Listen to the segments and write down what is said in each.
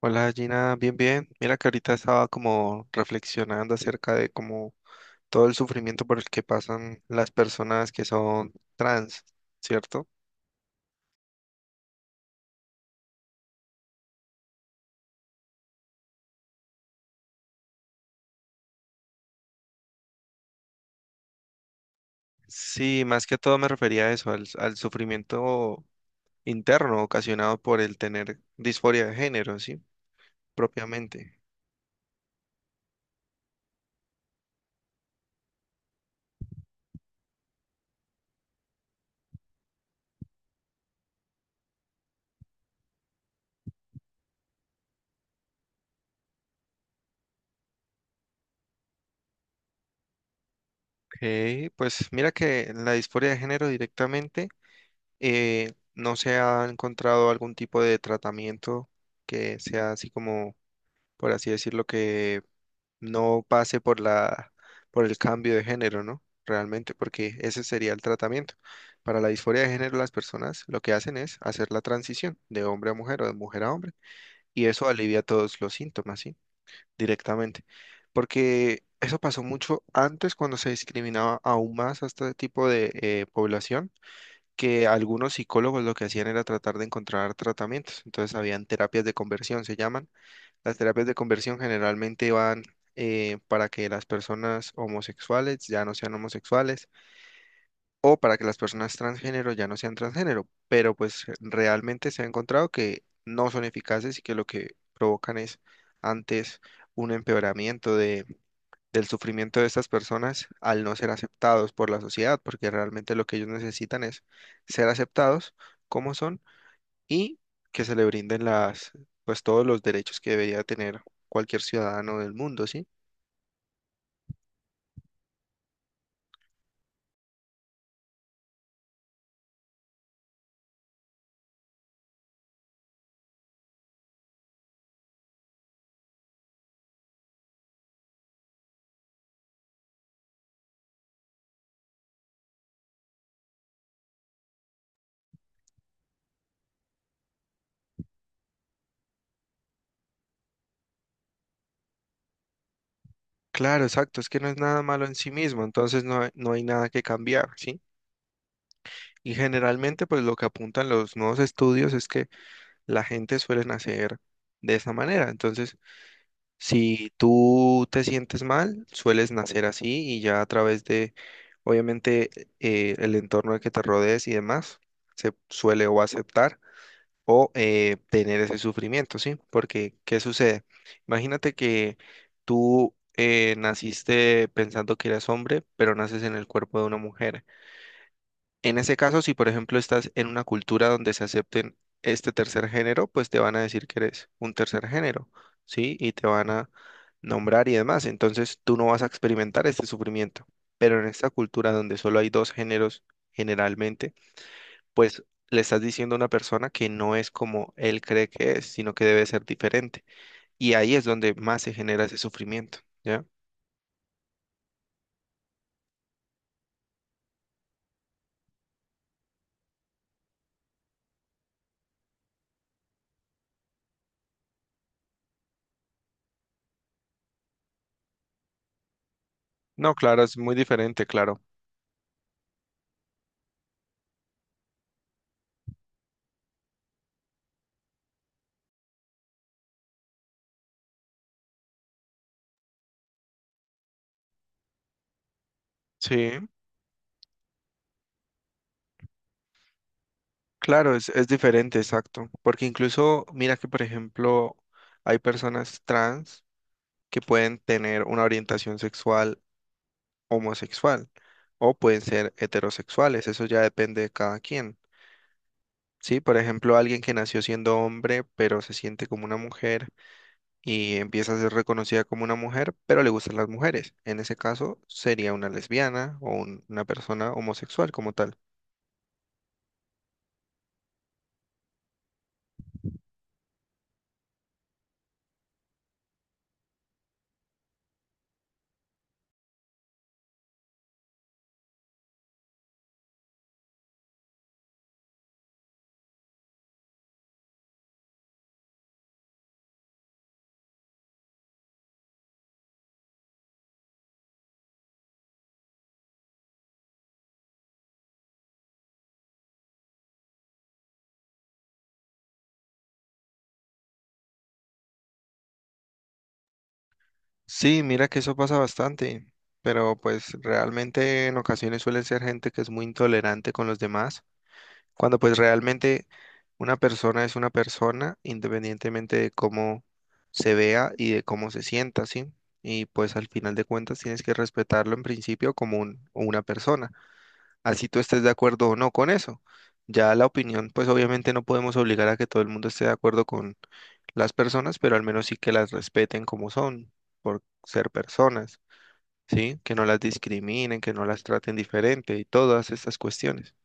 Hola Gina, bien, bien. Mira que ahorita estaba como reflexionando acerca de como todo el sufrimiento por el que pasan las personas que son trans, ¿cierto? Sí, más que todo me refería a eso, al sufrimiento interno ocasionado por el tener disforia de género, ¿sí? Propiamente. Ok, pues mira que la disforia de género directamente no se ha encontrado algún tipo de tratamiento que sea así como, por así decirlo, que no pase por la, por el cambio de género, ¿no? Realmente, porque ese sería el tratamiento. Para la disforia de género, las personas lo que hacen es hacer la transición de hombre a mujer o de mujer a hombre, y eso alivia todos los síntomas, ¿sí? Directamente. Porque eso pasó mucho antes cuando se discriminaba aún más a este tipo de población, que algunos psicólogos lo que hacían era tratar de encontrar tratamientos. Entonces, habían terapias de conversión, se llaman las terapias de conversión generalmente van para que las personas homosexuales ya no sean homosexuales o para que las personas transgénero ya no sean transgénero, pero pues realmente se ha encontrado que no son eficaces y que lo que provocan es antes un empeoramiento de, del sufrimiento de estas personas al no ser aceptados por la sociedad, porque realmente lo que ellos necesitan es ser aceptados como son y que se le brinden las, pues todos los derechos que debería tener cualquier ciudadano del mundo, ¿sí? Claro, exacto, es que no es nada malo en sí mismo, entonces no, no hay nada que cambiar, ¿sí? Y generalmente, pues lo que apuntan los nuevos estudios es que la gente suele nacer de esa manera. Entonces, si tú te sientes mal, sueles nacer así y ya a través de, obviamente, el entorno al que te rodees y demás, se suele o aceptar o tener ese sufrimiento, ¿sí? Porque, ¿qué sucede? Imagínate que tú naciste pensando que eras hombre, pero naces en el cuerpo de una mujer. En ese caso, si por ejemplo estás en una cultura donde se acepten este tercer género, pues te van a decir que eres un tercer género, ¿sí? Y te van a nombrar y demás. Entonces, tú no vas a experimentar este sufrimiento. Pero en esta cultura donde solo hay dos géneros generalmente, pues le estás diciendo a una persona que no es como él cree que es, sino que debe ser diferente. Y ahí es donde más se genera ese sufrimiento, ¿ya? No, claro, es muy diferente, claro. Sí, claro, es diferente, exacto. Porque incluso, mira que, por ejemplo, hay personas trans que pueden tener una orientación sexual homosexual o pueden ser heterosexuales, eso ya depende de cada quien. Sí, por ejemplo, alguien que nació siendo hombre, pero se siente como una mujer y empieza a ser reconocida como una mujer, pero le gustan las mujeres. En ese caso, sería una lesbiana o una persona homosexual como tal. Sí, mira que eso pasa bastante, pero pues realmente en ocasiones suele ser gente que es muy intolerante con los demás, cuando pues realmente una persona es una persona independientemente de cómo se vea y de cómo se sienta, ¿sí? Y pues al final de cuentas tienes que respetarlo en principio como una persona. Así tú estés de acuerdo o no con eso. Ya la opinión, pues obviamente no podemos obligar a que todo el mundo esté de acuerdo con las personas, pero al menos sí que las respeten como son, por ser personas, ¿sí? Que no las discriminen, que no las traten diferente y todas estas cuestiones.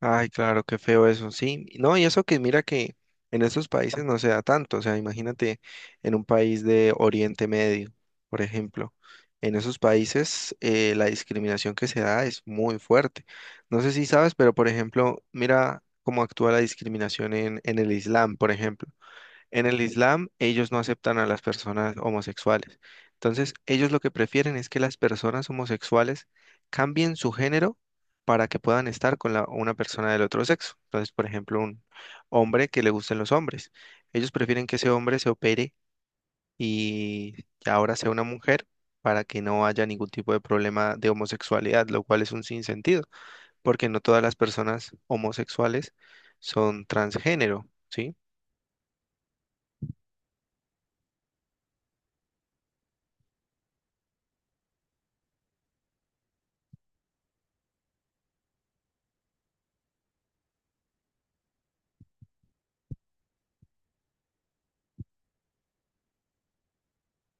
Ay, claro, qué feo eso, sí. No, y eso que mira que en esos países no se da tanto, o sea, imagínate en un país de Oriente Medio, por ejemplo, en esos países la discriminación que se da es muy fuerte. No sé si sabes, pero por ejemplo, mira cómo actúa la discriminación en el Islam, por ejemplo. En el Islam, ellos no aceptan a las personas homosexuales. Entonces, ellos lo que prefieren es que las personas homosexuales cambien su género para que puedan estar con una persona del otro sexo. Entonces, por ejemplo, un hombre que le gusten los hombres. Ellos prefieren que ese hombre se opere y ahora sea una mujer para que no haya ningún tipo de problema de homosexualidad, lo cual es un sinsentido, porque no todas las personas homosexuales son transgénero, ¿sí?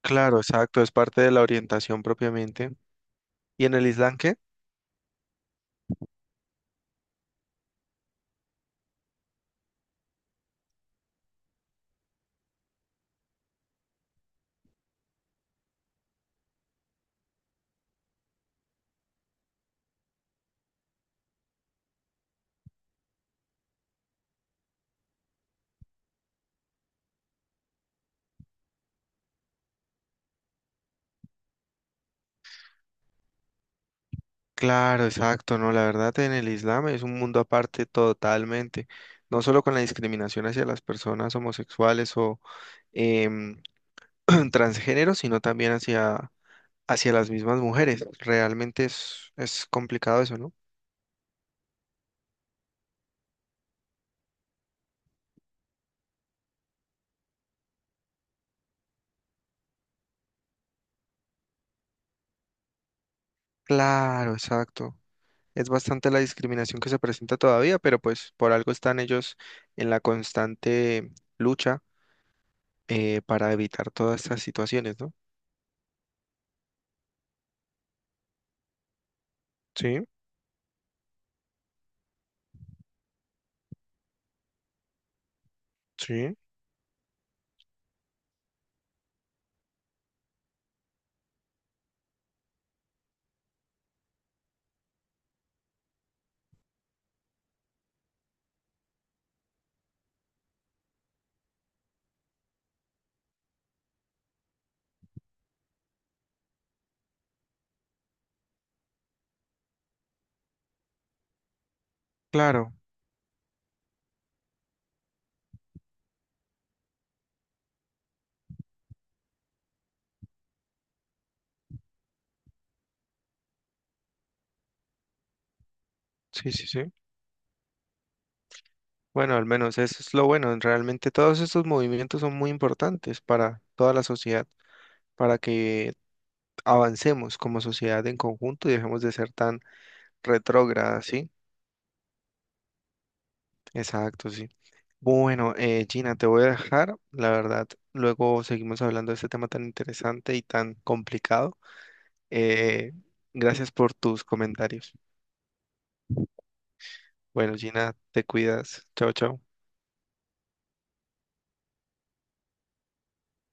Claro, exacto, es parte de la orientación propiamente. ¿Y en el Islam qué? Claro, exacto, no, la verdad en el Islam es un mundo aparte totalmente, no solo con la discriminación hacia las personas homosexuales o em, transgénero, sino también hacia, hacia las mismas mujeres. Realmente es complicado eso, ¿no? Claro, exacto. Es bastante la discriminación que se presenta todavía, pero pues por algo están ellos en la constante lucha para evitar todas estas situaciones, ¿no? Sí, sí, claro, sí, sí, sí. Bueno, al menos eso es lo bueno. Realmente todos estos movimientos son muy importantes para toda la sociedad, para que avancemos como sociedad en conjunto y dejemos de ser tan retrógradas, ¿sí? Exacto, sí. Bueno, Gina, te voy a dejar, la verdad. Luego seguimos hablando de este tema tan interesante y tan complicado. Eh, gracias por tus comentarios. Bueno, Gina, te cuidas. Chao, chao.